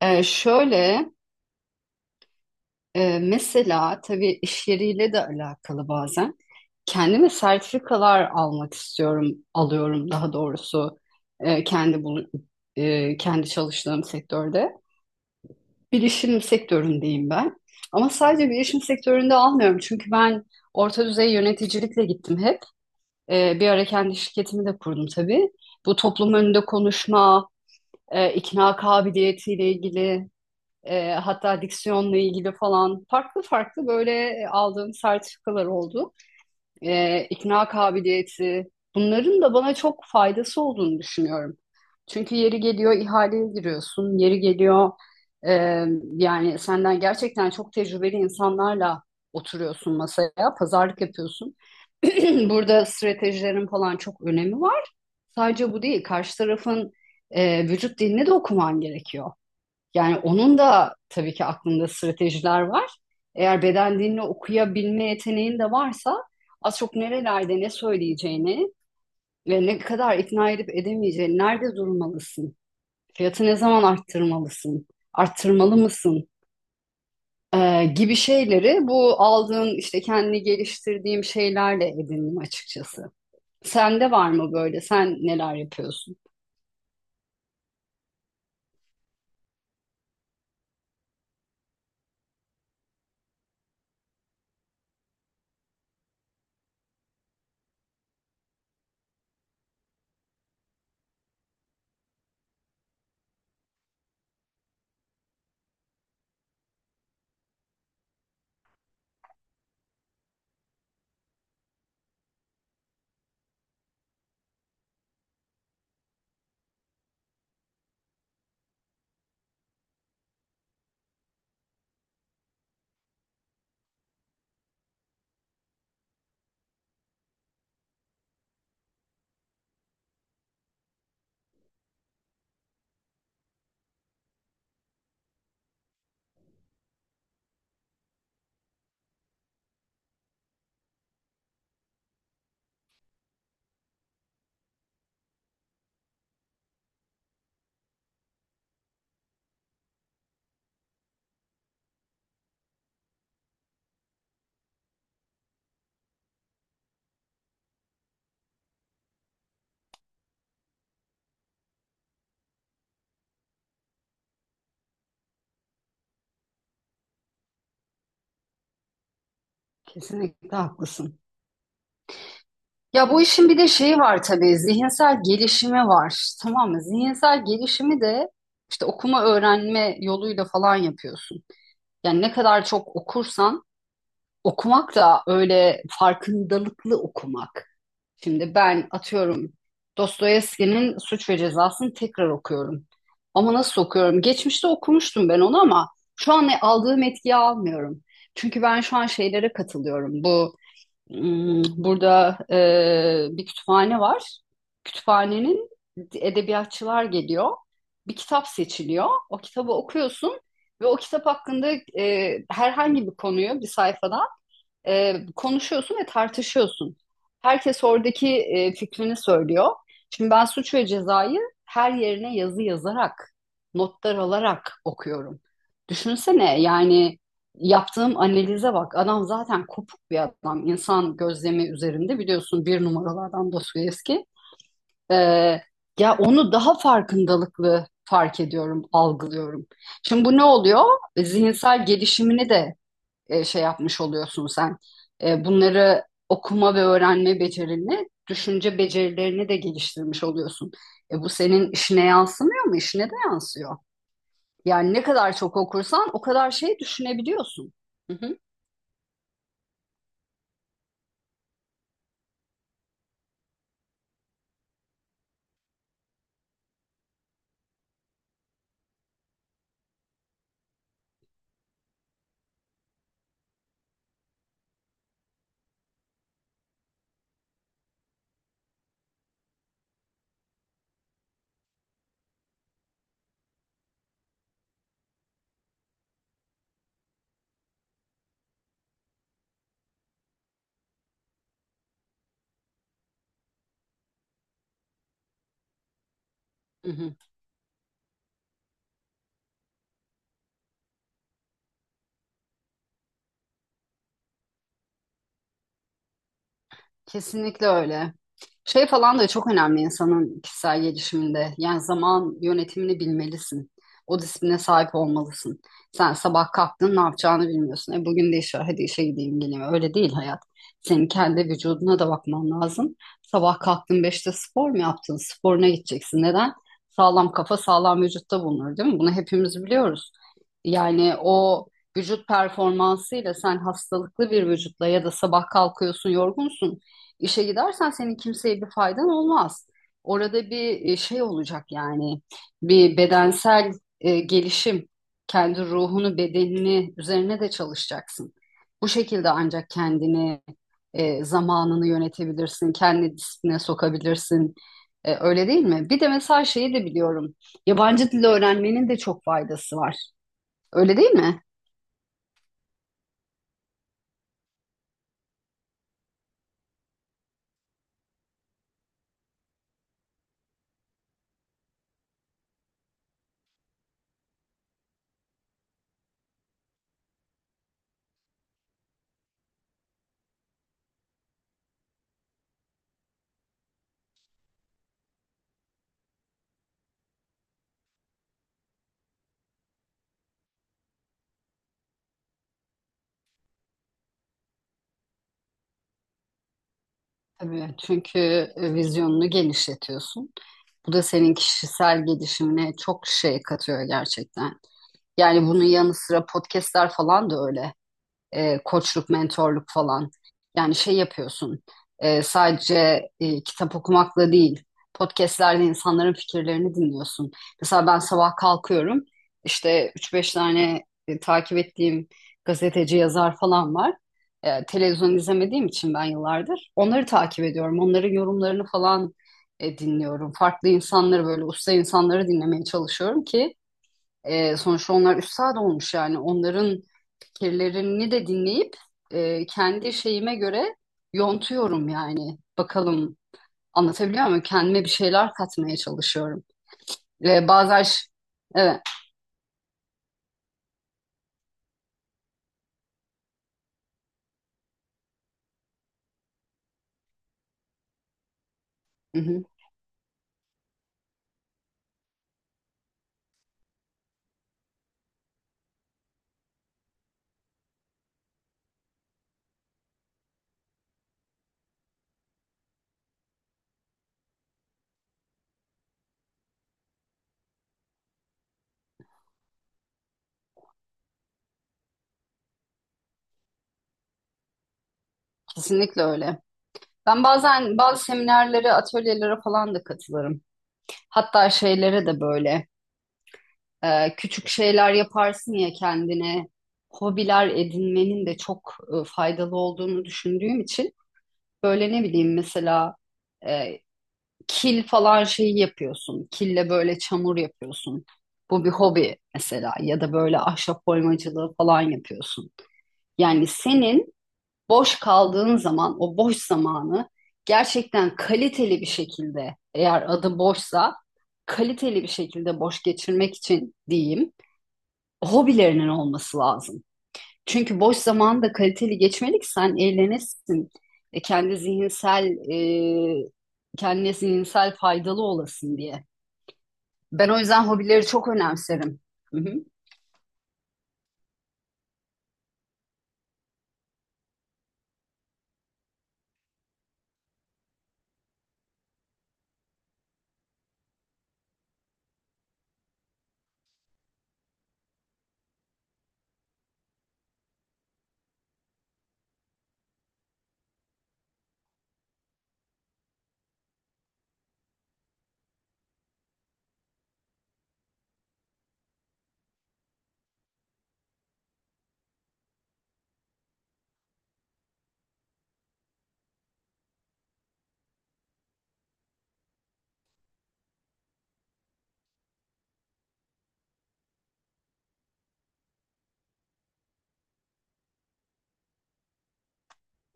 Şöyle, mesela tabii iş yeriyle de alakalı bazen. Kendime sertifikalar almak istiyorum, alıyorum daha doğrusu e, kendi bulu- kendi çalıştığım sektörde. Bilişim sektöründeyim ben. Ama sadece bilişim sektöründe almıyorum çünkü ben orta düzey yöneticilikle gittim hep. Bir ara kendi şirketimi de kurdum tabii. Bu toplum önünde konuşma, ikna kabiliyetiyle ilgili, hatta diksiyonla ilgili falan farklı farklı böyle aldığım sertifikalar oldu. E, ikna kabiliyeti bunların da bana çok faydası olduğunu düşünüyorum. Çünkü yeri geliyor ihaleye giriyorsun, yeri geliyor, e, yani senden gerçekten çok tecrübeli insanlarla oturuyorsun masaya, pazarlık yapıyorsun. Burada stratejilerin falan çok önemi var. Sadece bu değil, karşı tarafın vücut dilini de okuman gerekiyor. Yani onun da tabii ki aklında stratejiler var. Eğer beden dilini okuyabilme yeteneğin de varsa az çok nerelerde ne söyleyeceğini ve ne kadar ikna edip edemeyeceğini, nerede durmalısın, fiyatı ne zaman arttırmalısın, arttırmalı mısın, gibi şeyleri bu aldığın işte kendini geliştirdiğim şeylerle edindim açıkçası. Sende var mı böyle? Sen neler yapıyorsun? Kesinlikle haklısın. Ya bu işin bir de şeyi var tabii, zihinsel gelişimi var. Tamam mı? Zihinsel gelişimi de işte okuma öğrenme yoluyla falan yapıyorsun. Yani ne kadar çok okursan, okumak da öyle farkındalıklı okumak. Şimdi ben atıyorum, Dostoyevski'nin Suç ve Cezası'nı tekrar okuyorum. Ama nasıl okuyorum? Geçmişte okumuştum ben onu ama şu an aldığım etkiyi almıyorum. Çünkü ben şu an şeylere katılıyorum. Burada bir kütüphane var. Kütüphanenin edebiyatçılar geliyor. Bir kitap seçiliyor. O kitabı okuyorsun ve o kitap hakkında herhangi bir konuyu bir sayfada konuşuyorsun ve tartışıyorsun. Herkes oradaki fikrini söylüyor. Şimdi ben Suç ve Ceza'yı her yerine yazı yazarak, notlar alarak okuyorum. Düşünsene yani, yaptığım analize bak. Adam zaten kopuk bir adam. İnsan gözlemi üzerinde biliyorsun bir numaralardan Dostoyevski. E, Ya onu daha farkındalıklı fark ediyorum, algılıyorum. Şimdi bu ne oluyor? Zihinsel gelişimini de şey yapmış oluyorsun sen. Bunları okuma ve öğrenme becerini, düşünce becerilerini de geliştirmiş oluyorsun. Bu senin işine yansımıyor mu? İşine de yansıyor. Yani ne kadar çok okursan o kadar şey düşünebiliyorsun. Hı hı, hı hı. Kesinlikle öyle. Şey falan da çok önemli insanın kişisel gelişiminde. Yani zaman yönetimini bilmelisin. O disipline sahip olmalısın. Sen sabah kalktın ne yapacağını bilmiyorsun. E, bugün de iş var, hadi işe gideyim geleyim. Öyle değil hayat. Senin kendi vücuduna da bakman lazım. Sabah kalktın 5'te spor mu yaptın? Sporuna gideceksin. Neden? Sağlam kafa sağlam vücutta bulunur, değil mi? Bunu hepimiz biliyoruz. Yani o vücut performansıyla, sen hastalıklı bir vücutla ya da sabah kalkıyorsun yorgunsun, İşe gidersen senin kimseye bir faydan olmaz. Orada bir şey olacak yani, bir bedensel gelişim, kendi ruhunu, bedenini üzerine de çalışacaksın. Bu şekilde ancak kendini, zamanını yönetebilirsin, kendi disipline sokabilirsin. Öyle değil mi? Bir de mesela şeyi de biliyorum. Yabancı dil öğrenmenin de çok faydası var. Öyle değil mi? Tabii, çünkü vizyonunu genişletiyorsun. Bu da senin kişisel gelişimine çok şey katıyor gerçekten. Yani bunun yanı sıra podcastler falan da öyle, koçluk, mentorluk falan. Yani şey yapıyorsun, sadece kitap okumakla değil, podcastlerde insanların fikirlerini dinliyorsun. Mesela ben sabah kalkıyorum, işte üç beş tane takip ettiğim gazeteci, yazar falan var. Televizyon izlemediğim için ben yıllardır onları takip ediyorum, onların yorumlarını falan dinliyorum. Farklı insanları, böyle usta insanları dinlemeye çalışıyorum ki sonuçta onlar üstad olmuş yani, onların fikirlerini de dinleyip kendi şeyime göre yontuyorum yani. Bakalım, anlatabiliyor muyum? Kendime bir şeyler katmaya çalışıyorum. E, bazen ş- evet, hı hı, kesinlikle öyle. Ben bazen bazı seminerlere, atölyelere falan da katılırım. Hatta şeylere de böyle, küçük şeyler yaparsın ya kendine. Hobiler edinmenin de çok faydalı olduğunu düşündüğüm için. Böyle ne bileyim, mesela e, kil falan şeyi yapıyorsun. Kille böyle çamur yapıyorsun. Bu bir hobi mesela, ya da böyle ahşap oymacılığı falan yapıyorsun. Yani senin boş kaldığın zaman, o boş zamanı gerçekten kaliteli bir şekilde, eğer adı boşsa kaliteli bir şekilde boş geçirmek için diyeyim, hobilerinin olması lazım. Çünkü boş zamanı da kaliteli geçmeli ki sen eğlenesin. E, kendi zihinsel e, kendine zihinsel faydalı olasın diye. Ben o yüzden hobileri çok önemserim. Hı hı.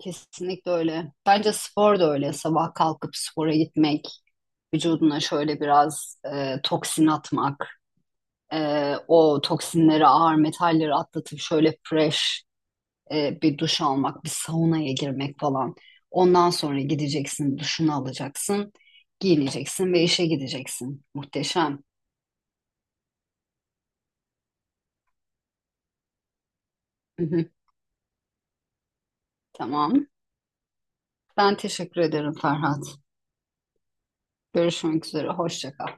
Kesinlikle öyle. Bence spor da öyle. Sabah kalkıp spora gitmek, vücuduna şöyle biraz toksin atmak, o toksinleri, ağır metalleri atlatıp şöyle fresh, bir duş almak, bir saunaya girmek falan. Ondan sonra gideceksin, duşunu alacaksın, giyineceksin ve işe gideceksin. Muhteşem. Hı hı. Tamam. Ben teşekkür ederim Ferhat. Görüşmek üzere. Hoşça kal.